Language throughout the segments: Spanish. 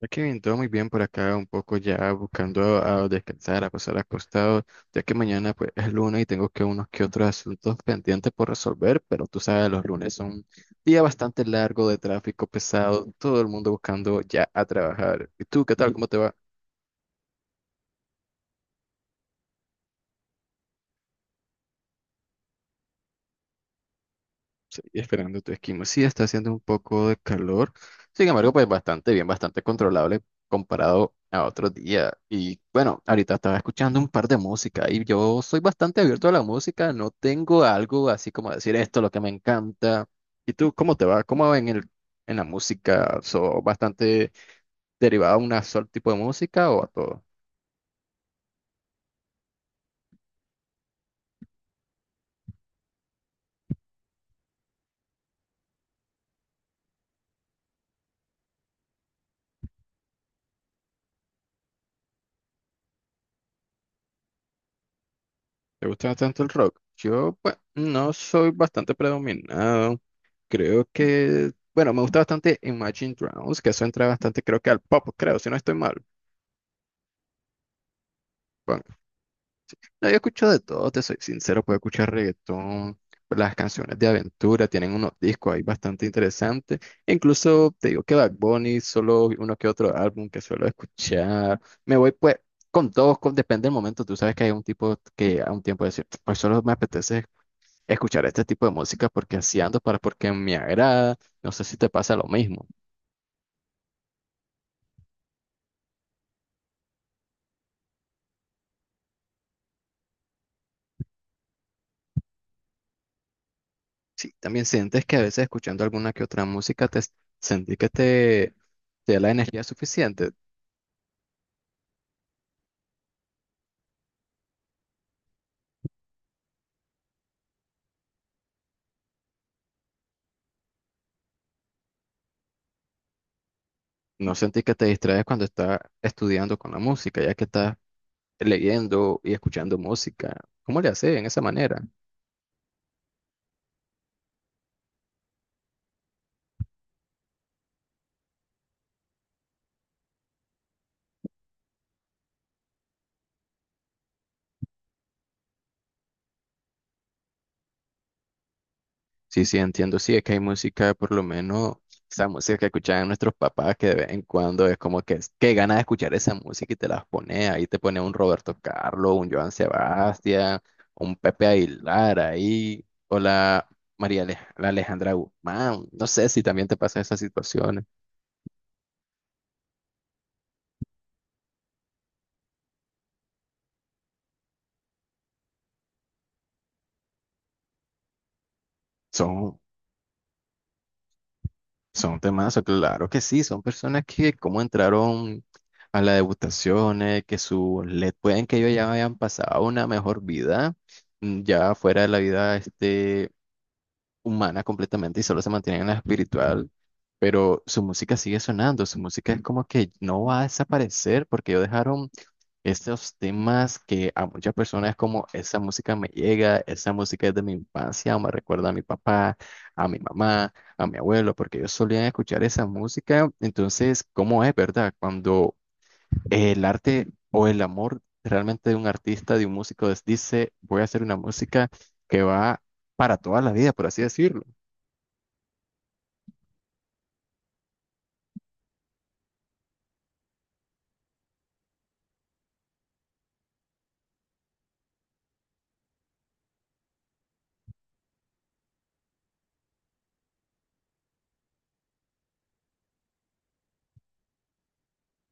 Ya que bien, todo muy bien por acá, un poco ya buscando a descansar, a pasar acostado, ya que mañana pues es lunes y tengo que unos que otros asuntos pendientes por resolver, pero tú sabes, los lunes son un día bastante largo de tráfico pesado, todo el mundo buscando ya a trabajar. ¿Y tú qué tal? ¿Cómo te va? Sí, esperando tu esquema. Sí, está haciendo un poco de calor. Sin embargo, pues bastante bien, bastante controlable comparado a otro día. Y bueno, ahorita estaba escuchando un par de música y yo soy bastante abierto a la música. No tengo algo así como decir esto, es lo que me encanta. ¿Y tú cómo te va? ¿Cómo va en en la música? ¿So bastante derivado a un solo tipo de música o a todo? ¿Te gusta tanto el rock? Yo, pues, no soy bastante predominado. Creo que, bueno, me gusta bastante Imagine Dragons, que eso entra bastante, creo que al pop, creo, si no estoy mal. Bueno, no, yo escucho de todo, te soy sincero, puedo escuchar reggaetón, las canciones de aventura, tienen unos discos ahí bastante interesantes. Incluso te digo que Bad Bunny, solo uno que otro álbum que suelo escuchar. Me voy pues con todos, con- depende del momento. Tú sabes que hay un tipo que a un tiempo decir, pues solo me apetece escuchar este tipo de música porque así ando, para, porque me agrada. No sé si te pasa lo mismo. Sí, también sientes que a veces escuchando alguna que otra música te sentí que te da la energía suficiente. No sentí que te distraes cuando estás estudiando con la música, ya que estás leyendo y escuchando música. ¿Cómo le haces en esa manera? Sí, sí, entiendo. Sí, es que hay música, por lo menos, esa música que escuchaban nuestros papás, que de vez en cuando es como que, es- qué ganas de escuchar esa música y te las pone ahí, te pone un Roberto Carlos, un Joan Sebastián, un Pepe Aguilar ahí, o la María Ale- la Alejandra Guzmán. No sé si también te pasan esas situaciones. Son Son temazos, claro que sí, son personas que como entraron a las degustaciones, que su le pueden que ellos ya hayan pasado una mejor vida, ya fuera de la vida este, humana completamente y solo se mantienen en la espiritual, pero su música sigue sonando, su música es como que no va a desaparecer porque ellos dejaron estos temas que a muchas personas es como esa música me llega, esa música es de mi infancia, o me recuerda a mi papá, a mi mamá, a mi abuelo, porque ellos solían escuchar esa música. Entonces, ¿cómo es, verdad? Cuando el arte o el amor realmente de un artista, de un músico, les dice, voy a hacer una música que va para toda la vida, por así decirlo.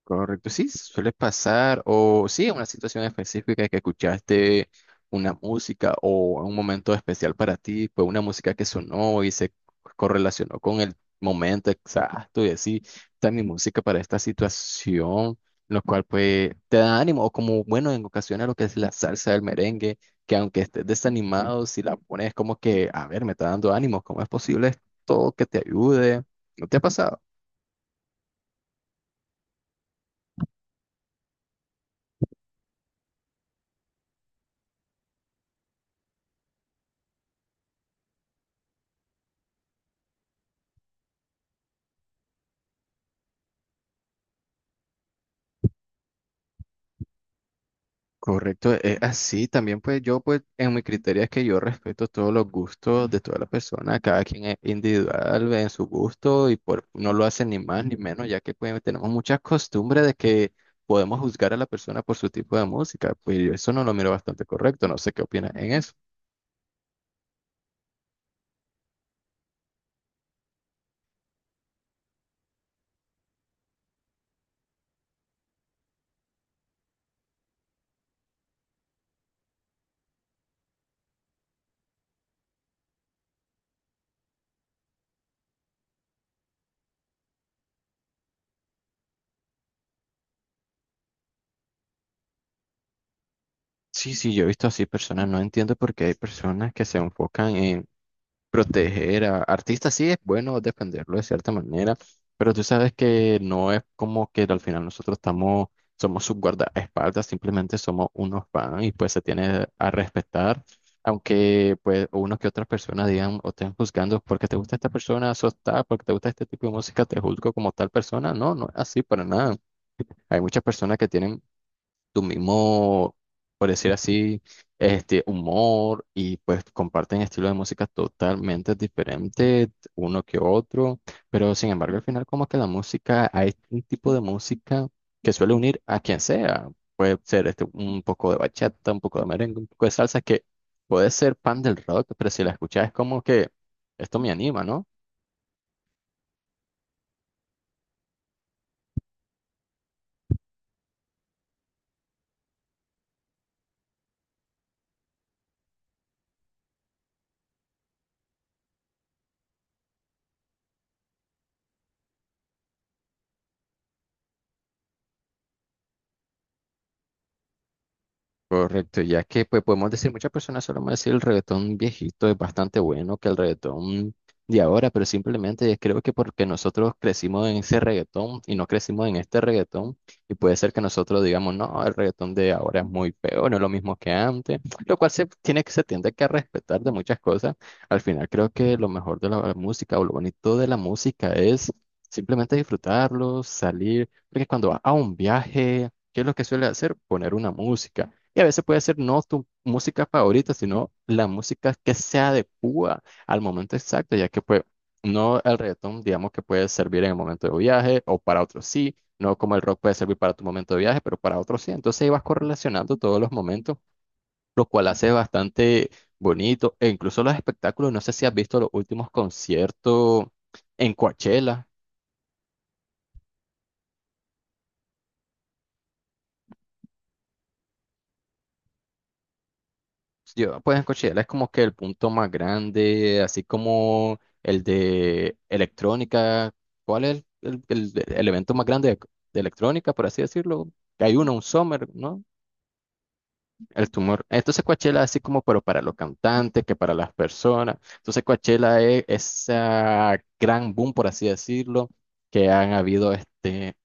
Correcto, sí, suele pasar, o sí, en una situación específica que escuchaste una música o un momento especial para ti, fue una música que sonó y se correlacionó con el momento exacto y así, está mi música para esta situación, lo cual pues te da ánimo, o como bueno, en ocasiones lo que es la salsa del merengue, que aunque estés desanimado, si la pones como que, a ver, me está dando ánimo, ¿cómo es posible esto que te ayude? ¿No te ha pasado? Correcto, es así. También pues yo pues en mi criterio es que yo respeto todos los gustos de toda la persona, cada quien es individual en su gusto y por, no lo hace ni más ni menos, ya que pues tenemos muchas costumbres de que podemos juzgar a la persona por su tipo de música, pues yo eso no lo miro bastante correcto, no sé qué opinas en eso. Sí, sí, yo he visto así personas, no entiendo por qué hay personas que se enfocan en proteger a artistas sí es bueno defenderlo de cierta manera, pero tú sabes que no es como que al final nosotros estamos, somos sus guardaespaldas, simplemente somos unos fans y pues se tiene a respetar, aunque pues unos que otras personas digan o estén juzgando porque te gusta esta persona, sos tal, porque te gusta este tipo de música, te juzgo como tal persona, no, no es así para nada. Hay muchas personas que tienen tu mismo, por decir así, este humor y pues comparten estilos de música totalmente diferentes uno que otro, pero sin embargo al final como que la música, hay un tipo de música que suele unir a quien sea, puede ser este, un poco de bachata, un poco de merengue, un poco de salsa, que puede ser pan del rock, pero si la escuchas es como que esto me anima, ¿no? Correcto, ya que pues podemos decir, muchas personas solemos decir el reggaetón viejito es bastante bueno que el reggaetón de ahora, pero simplemente creo que porque nosotros crecimos en ese reggaetón y no crecimos en este reggaetón, y puede ser que nosotros digamos, no, el reggaetón de ahora es muy feo, no es lo mismo que antes, lo cual se tiene que, se tiende que a respetar de muchas cosas. Al final creo que lo mejor de la música o lo bonito de la música es simplemente disfrutarlo, salir, porque cuando vas a un viaje, ¿qué es lo que suele hacer? Poner una música. Y a veces puede ser no tu música favorita, sino la música que se adecua al momento exacto, ya que pues no el reggaetón, digamos que puede servir en el momento de viaje o para otros sí, no como el rock puede servir para tu momento de viaje, pero para otros sí. Entonces ahí vas correlacionando todos los momentos, lo cual hace bastante bonito. E incluso los espectáculos, no sé si has visto los últimos conciertos en Coachella. Yo, pues en Coachella es como que el punto más grande, así como el de electrónica. ¿Cuál es el evento más grande de electrónica, por así decirlo? Que hay uno, un Summer, ¿no? El tumor. Entonces Coachella así como, pero para los cantantes, que para las personas. Entonces Coachella es esa gran boom, por así decirlo, que han habido este.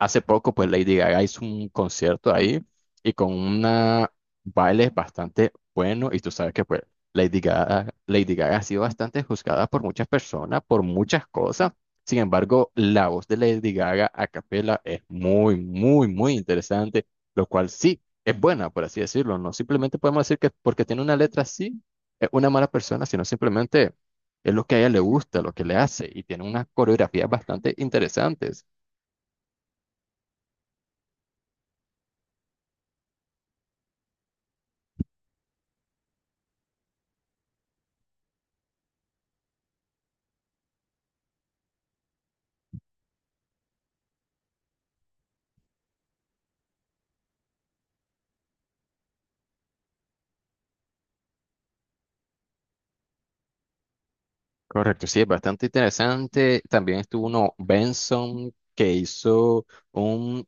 Hace poco, pues Lady Gaga hizo un concierto ahí y con una baile bastante bueno. Y tú sabes que, pues, Lady Gaga ha sido bastante juzgada por muchas personas, por muchas cosas. Sin embargo, la voz de Lady Gaga a capela es muy, muy, muy interesante, lo cual sí es buena, por así decirlo. No simplemente podemos decir que porque tiene una letra así, es una mala persona, sino simplemente es lo que a ella le gusta, lo que le hace y tiene unas coreografías bastante interesantes. Correcto, sí, es bastante interesante. También estuvo uno, Benson, que hizo un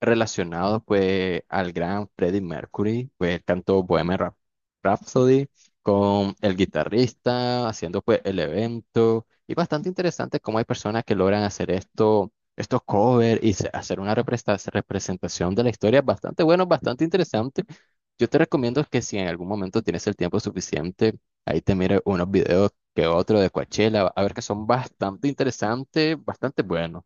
relacionado pues al gran Freddie Mercury, pues él cantó Rhapsody con el guitarrista, haciendo pues el evento. Y bastante interesante cómo hay personas que logran hacer esto, estos covers y se- hacer una representación de la historia bastante bueno, bastante interesante. Yo te recomiendo que si en algún momento tienes el tiempo suficiente, ahí te mires unos videos que otro de Coachella, a ver que son bastante interesantes, bastante buenos.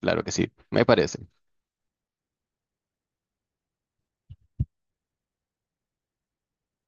Claro que sí, me parece.